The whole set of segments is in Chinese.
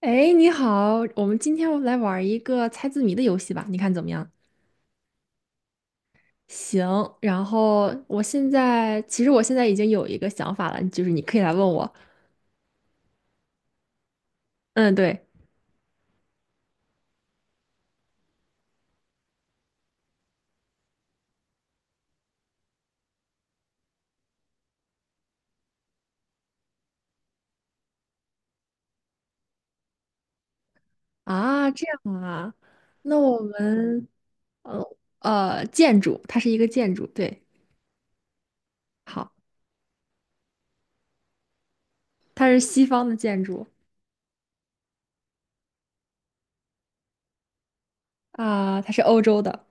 哎，你好，我们今天来玩儿一个猜字谜的游戏吧，你看怎么样？行，然后我现在已经有一个想法了，就是你可以来问我。嗯，对啊，这样啊，那我们呃建筑，它是一个建筑，对，好，它是西方的建筑啊，它是欧洲的，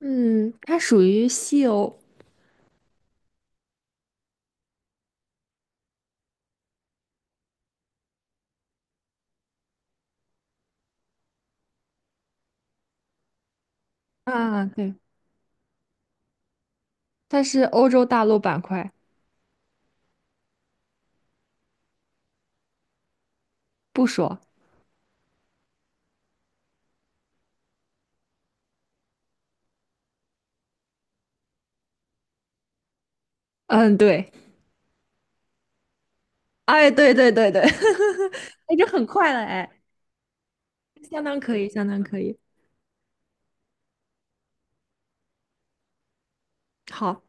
嗯，它属于西欧啊，对，它是欧洲大陆板块，不说，嗯，对。哎，对对对对，哎，就很快了，哎，相当可以，相当可以。好，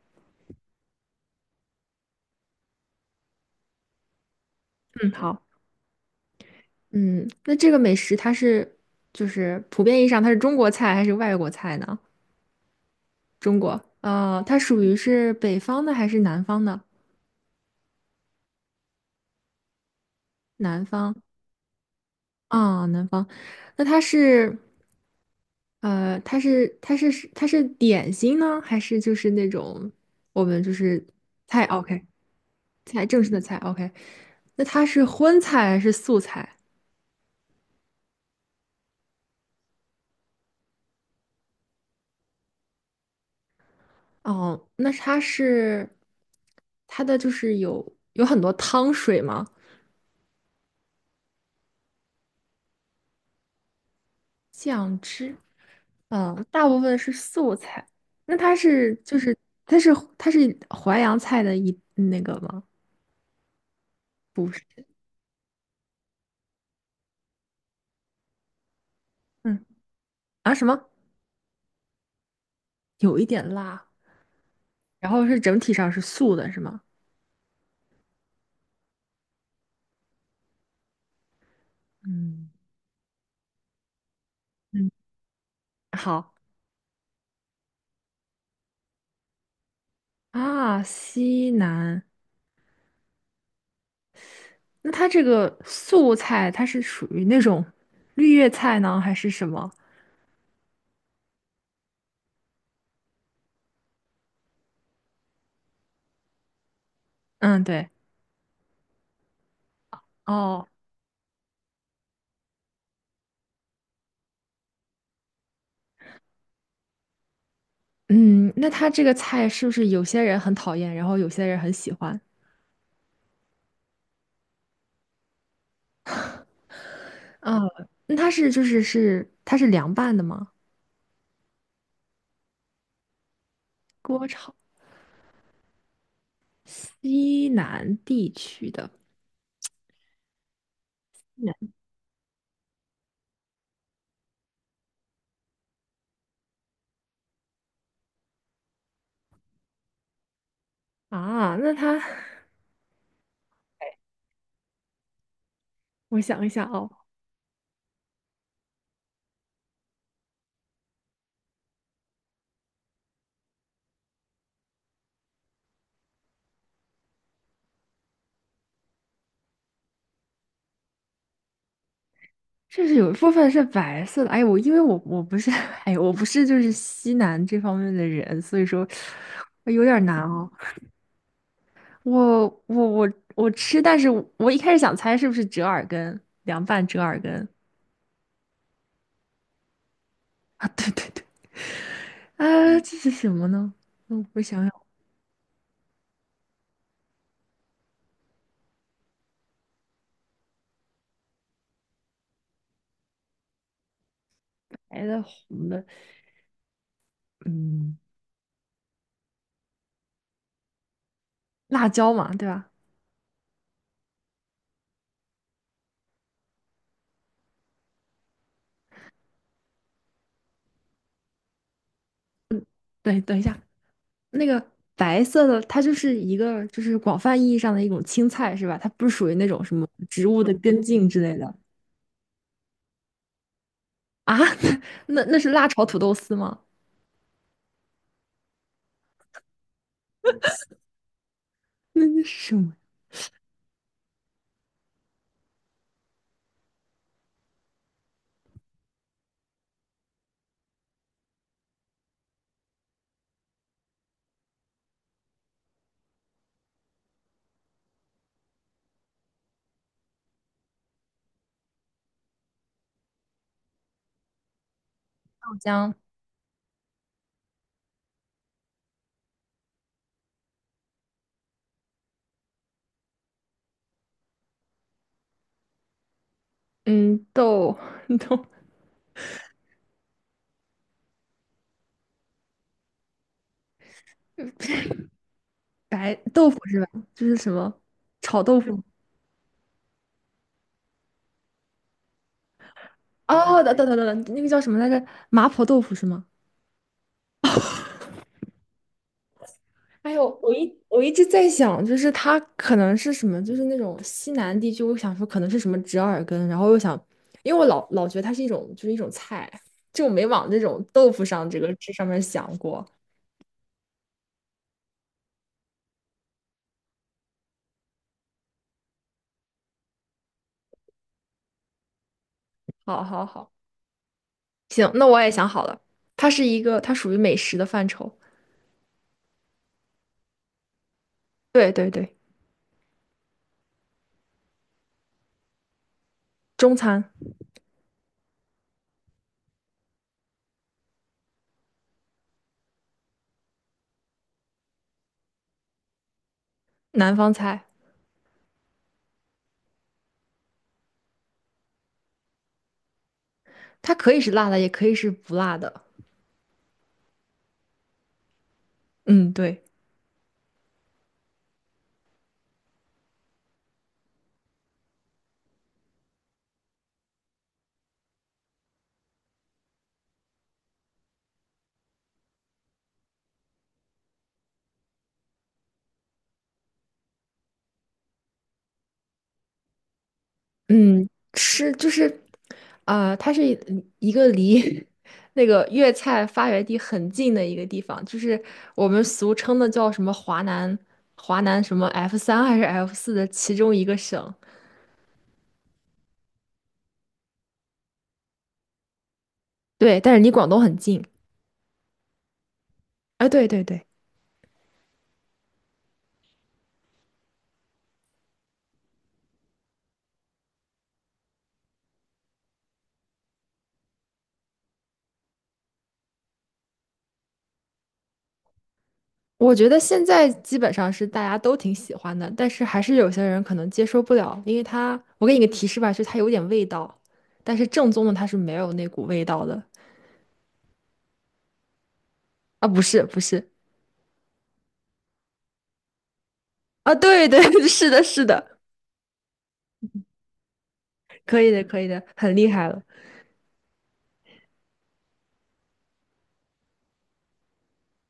嗯，好，嗯，那这个美食它是就是普遍意义上它是中国菜还是外国菜呢？中国，呃，它属于是北方的还是南方的？南方啊，南方。那它是它是点心呢，还是就是那种我们就是菜？OK，菜正式的菜。OK，那它是荤菜还是素菜？哦，那它是它的就是有很多汤水吗？酱汁，嗯，大部分是素菜。那它是就是它是淮扬菜的一那个吗？不是，嗯，啊什么？有一点辣，然后是整体上是素的，是吗？嗯，嗯，好啊，西南。那它这个素菜，它是属于那种绿叶菜呢，还是什么？嗯，对，哦。嗯，那它这个菜是不是有些人很讨厌，然后有些人很喜欢？啊，那它是就是是它是凉拌的吗？锅炒，西南地区的啊，那它我想一想哦，这是有一部分是白色的。哎，我因为我不是 哎，我不是就是西南这方面的人，所以说我有点难哦。我吃，但是我一开始想猜是不是折耳根，凉拌折耳根啊？对对对。啊，这是什么呢？嗯，我想想，白的、红的，嗯，辣椒嘛，对吧？嗯，对，等一下，那个白色的，它就是一个就是广泛意义上的一种青菜，是吧？它不是属于那种什么植物的根茎之类的啊？那那是辣炒土豆丝吗？那那是什么？豆浆，嗯，豆 豆白豆腐是吧？就是什么炒豆腐？哦，等等等等，那个叫什么来着？麻婆豆腐是吗？哎呦，我一直在想，就是它可能是什么，就是那种西南地区，我想说可能是什么折耳根，然后又想，因为我老觉得它是一种就是一种菜，就我没往这种豆腐上这个这上面想过。好好好，行，那我也想好了，它是一个它属于美食的范畴，对对对，中餐南方菜，它可以是辣的，也可以是不辣的。嗯，对。嗯，吃就是，啊、它是一个离 那个粤菜发源地很近的一个地方，就是我们俗称的叫什么华南，华南什么 F 三还是 F 四的其中一个省。对，但是离广东很近。哎，对对对，我觉得现在基本上是大家都挺喜欢的，但是还是有些人可能接受不了，因为它，我给你个提示吧，就是它有点味道，但是正宗的它是没有那股味道的。啊，不是不是，啊，对对，是的，是的。可以的，可以的，很厉害了。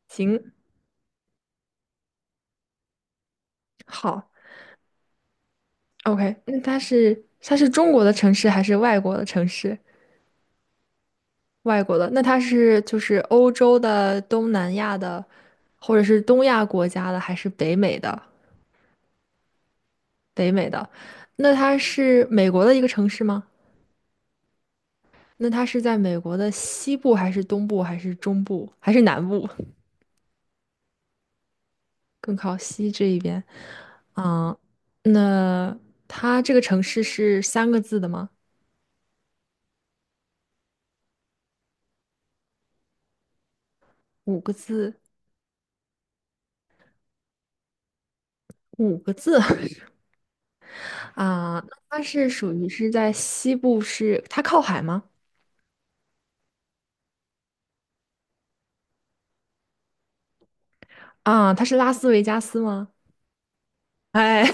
行，好，OK。那它是它是中国的城市还是外国的城市？外国的，那它是就是欧洲的、东南亚的，或者是东亚国家的，还是北美的？北美的，那它是美国的一个城市吗？那它是在美国的西部还是东部还是中部还是南部？更靠西这一边。嗯，那它这个城市是三个字的吗？五个字？五个字 啊，那它是属于是在西部是，它靠海吗？啊，它是拉斯维加斯吗？哎，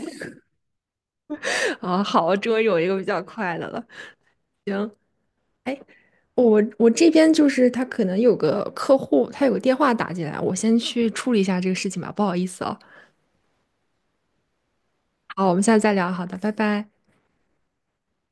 啊，好，终于有一个比较快的了。哎，我我这边就是他可能有个客户，他有个电话打进来，我先去处理一下这个事情吧，不好意思哦。好，我们下次再聊，好的，拜拜。